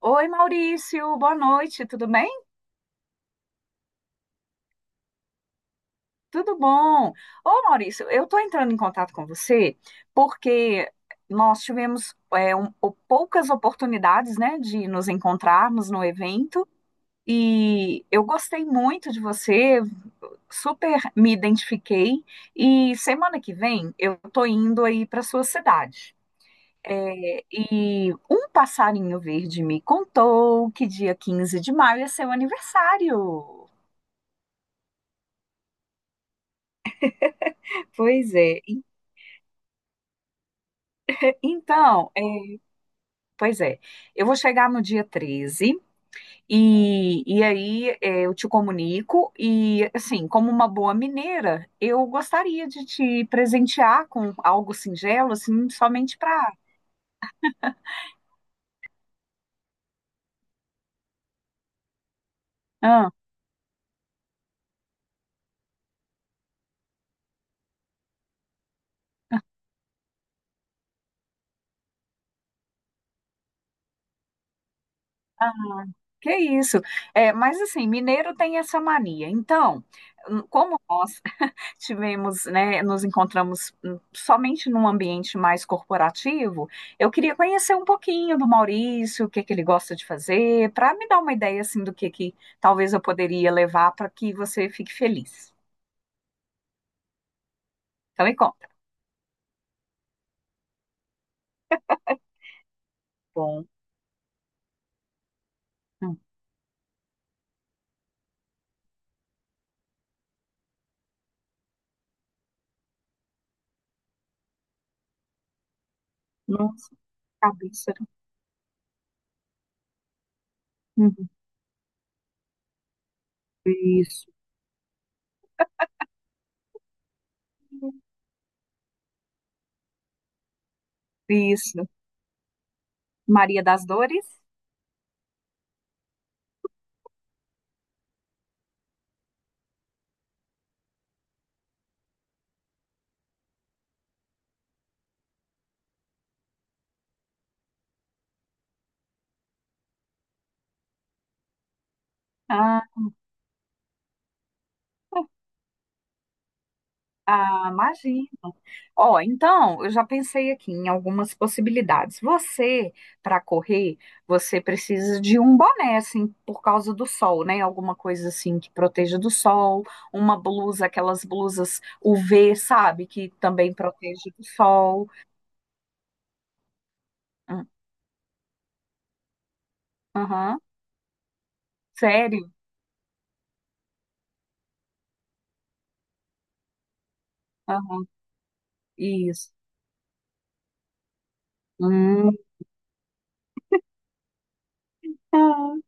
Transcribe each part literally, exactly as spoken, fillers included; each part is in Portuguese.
Oi, Maurício, boa noite, tudo bem? Tudo bom? Ô, Maurício, eu estou entrando em contato com você porque nós tivemos é, um- ou- poucas oportunidades, né, de nos encontrarmos no evento e eu gostei muito de você, super me identifiquei e semana que vem eu estou indo aí para sua cidade. É, E um passarinho verde me contou que dia quinze de maio é seu aniversário. Pois é. Então, é, pois é, eu vou chegar no dia treze e, e aí é, eu te comunico e, assim, como uma boa mineira, eu gostaria de te presentear com algo singelo, assim, somente para... Ah, ah, que isso? É, mas, assim, mineiro tem essa mania. Então, hum, como nós tivemos, né, nos encontramos hum, somente num ambiente mais corporativo, eu queria conhecer um pouquinho do Maurício, o que que ele gosta de fazer, para me dar uma ideia assim do que que talvez eu poderia levar para que você fique feliz. Então me conta. Bom. Hum. Nossa, cabeça. Uhum. Isso. Isso. Maria das Dores? Ah, Ah, imagino. Ó, então, eu já pensei aqui em algumas possibilidades. Você, para correr, você precisa de um boné, assim, por causa do sol, né? Alguma coisa assim que proteja do sol, uma blusa, aquelas blusas U V, sabe? Que também protege do sol. Hum. Aham. Sério? Aham. Isso. Hum. Tá.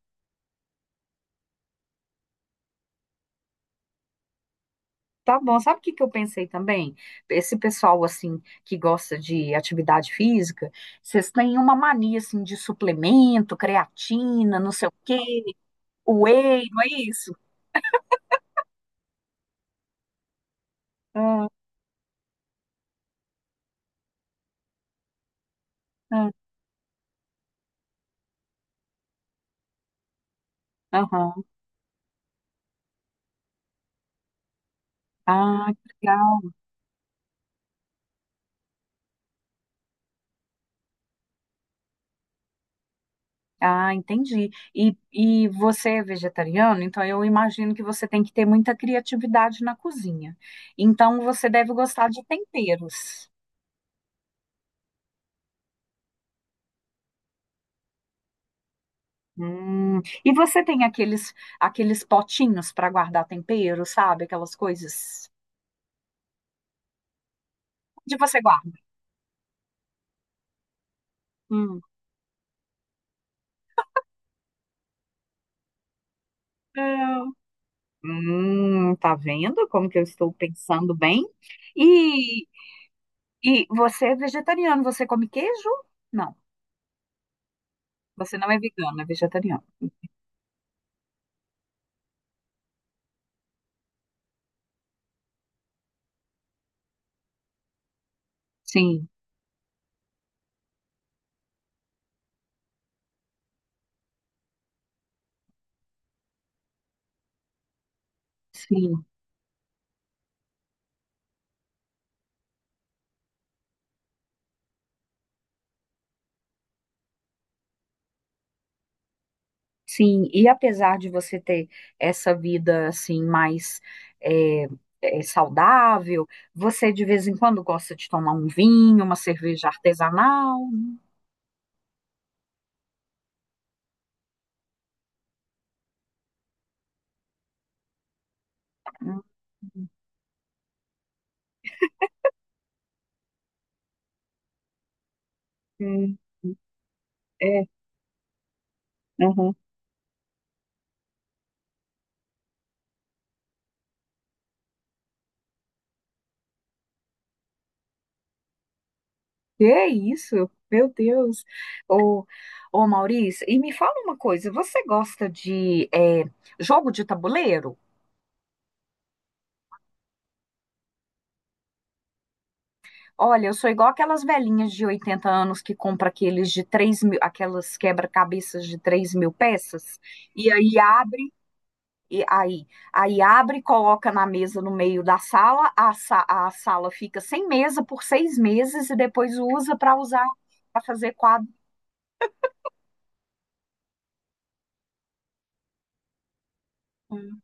Tá bom, sabe o que que eu pensei também? Esse pessoal, assim, que gosta de atividade física, vocês têm uma mania, assim, de suplemento, creatina, não sei o quê, whey, não é isso? Ah, ah, aham. Ah, que legal. Ah, entendi. E, e você é vegetariano, então eu imagino que você tem que ter muita criatividade na cozinha. Então você deve gostar de temperos. Hum. E você tem aqueles aqueles potinhos para guardar tempero, sabe? Aquelas coisas. Onde você guarda? Hum. Não. Hum, tá vendo como que eu estou pensando bem? E, e você é vegetariano, você come queijo? Não, você não é vegano, é vegetariano. Sim, sim. Sim, e apesar de você ter essa vida assim mais é, é, saudável, você de vez em quando gosta de tomar um vinho, uma cerveja artesanal. Né? Hum. É. Uhum. Que é isso? Meu Deus. Ô, ô Maurício, e me fala uma coisa, você gosta de é, jogo de tabuleiro? Olha, eu sou igual aquelas velhinhas de oitenta anos que compra aqueles de três mil, aquelas quebra-cabeças de três mil peças, e aí abre, e aí, aí abre, coloca na mesa no meio da sala, a, sa- a sala fica sem mesa por seis meses e depois usa para usar, para fazer quadro. Hum,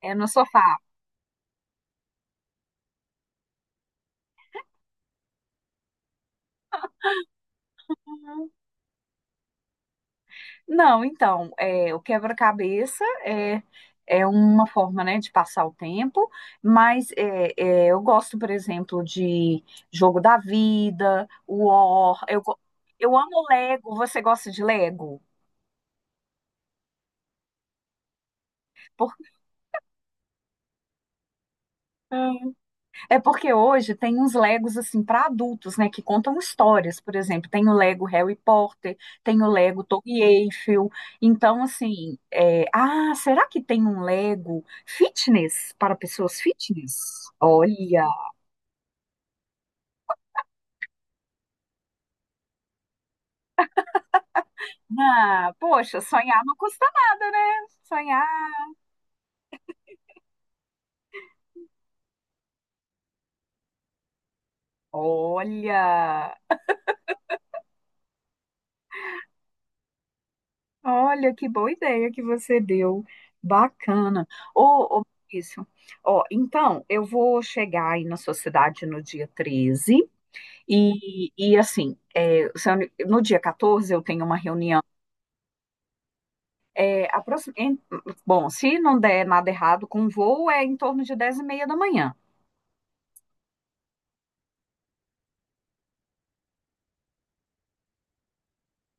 é, no sofá. Não, então, é, o quebra-cabeça é, é uma forma, né, de passar o tempo, mas é, é, eu gosto, por exemplo, de Jogo da Vida, War, eu, go- eu amo Lego, você gosta de Lego? Por- É porque hoje tem uns Legos assim para adultos, né, que contam histórias, por exemplo, tem o Lego Harry Potter, tem o Lego Torre Eiffel. Então, assim, é, ah, será que tem um Lego fitness para pessoas fitness? Olha, ah, poxa, sonhar não custa nada, né? Sonhar. Olha, olha que boa ideia que você deu. Bacana. Ô, ô, Maurício, ó, então eu vou chegar aí na sua cidade no dia treze. E, e assim, é, se eu- no dia quatorze eu tenho uma reunião. É, aproxi- em- Bom, se não der nada errado com o voo, é em torno de dez e meia da manhã.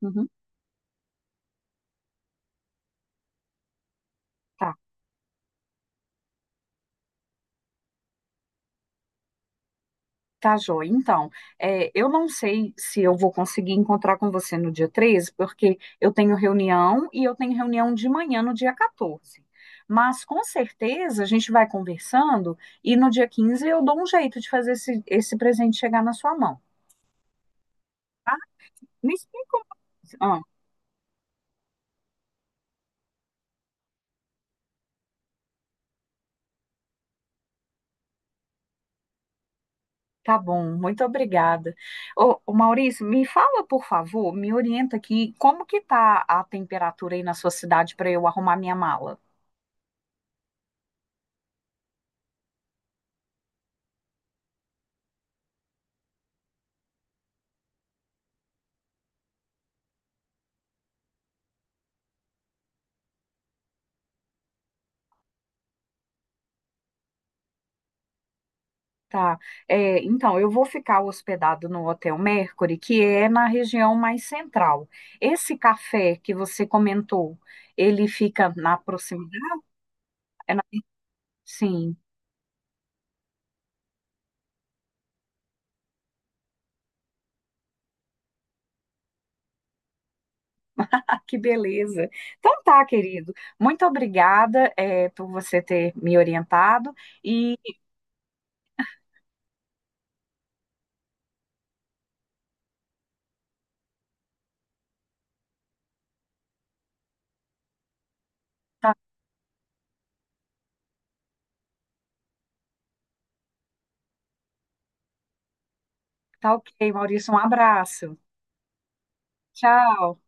Uhum. Tá, tá, joia. Então, é, eu não sei se eu vou conseguir encontrar com você no dia treze, porque eu tenho reunião e eu tenho reunião de manhã no dia catorze. Mas com certeza a gente vai conversando e no dia quinze eu dou um jeito de fazer esse, esse presente chegar na sua mão. Me explica. Tá bom, muito obrigada. Ô, ô, Maurício, me fala, por favor, me orienta aqui, como que tá a temperatura aí na sua cidade para eu arrumar minha mala? Tá. É, então, eu vou ficar hospedado no Hotel Mercury, que é na região mais central. Esse café que você comentou, ele fica na proximidade. é na- Sim, ah, que beleza. Então tá, querido. Muito obrigada, é, por você ter me orientado. E tá, tá ok, Maurício. Um abraço. Tchau.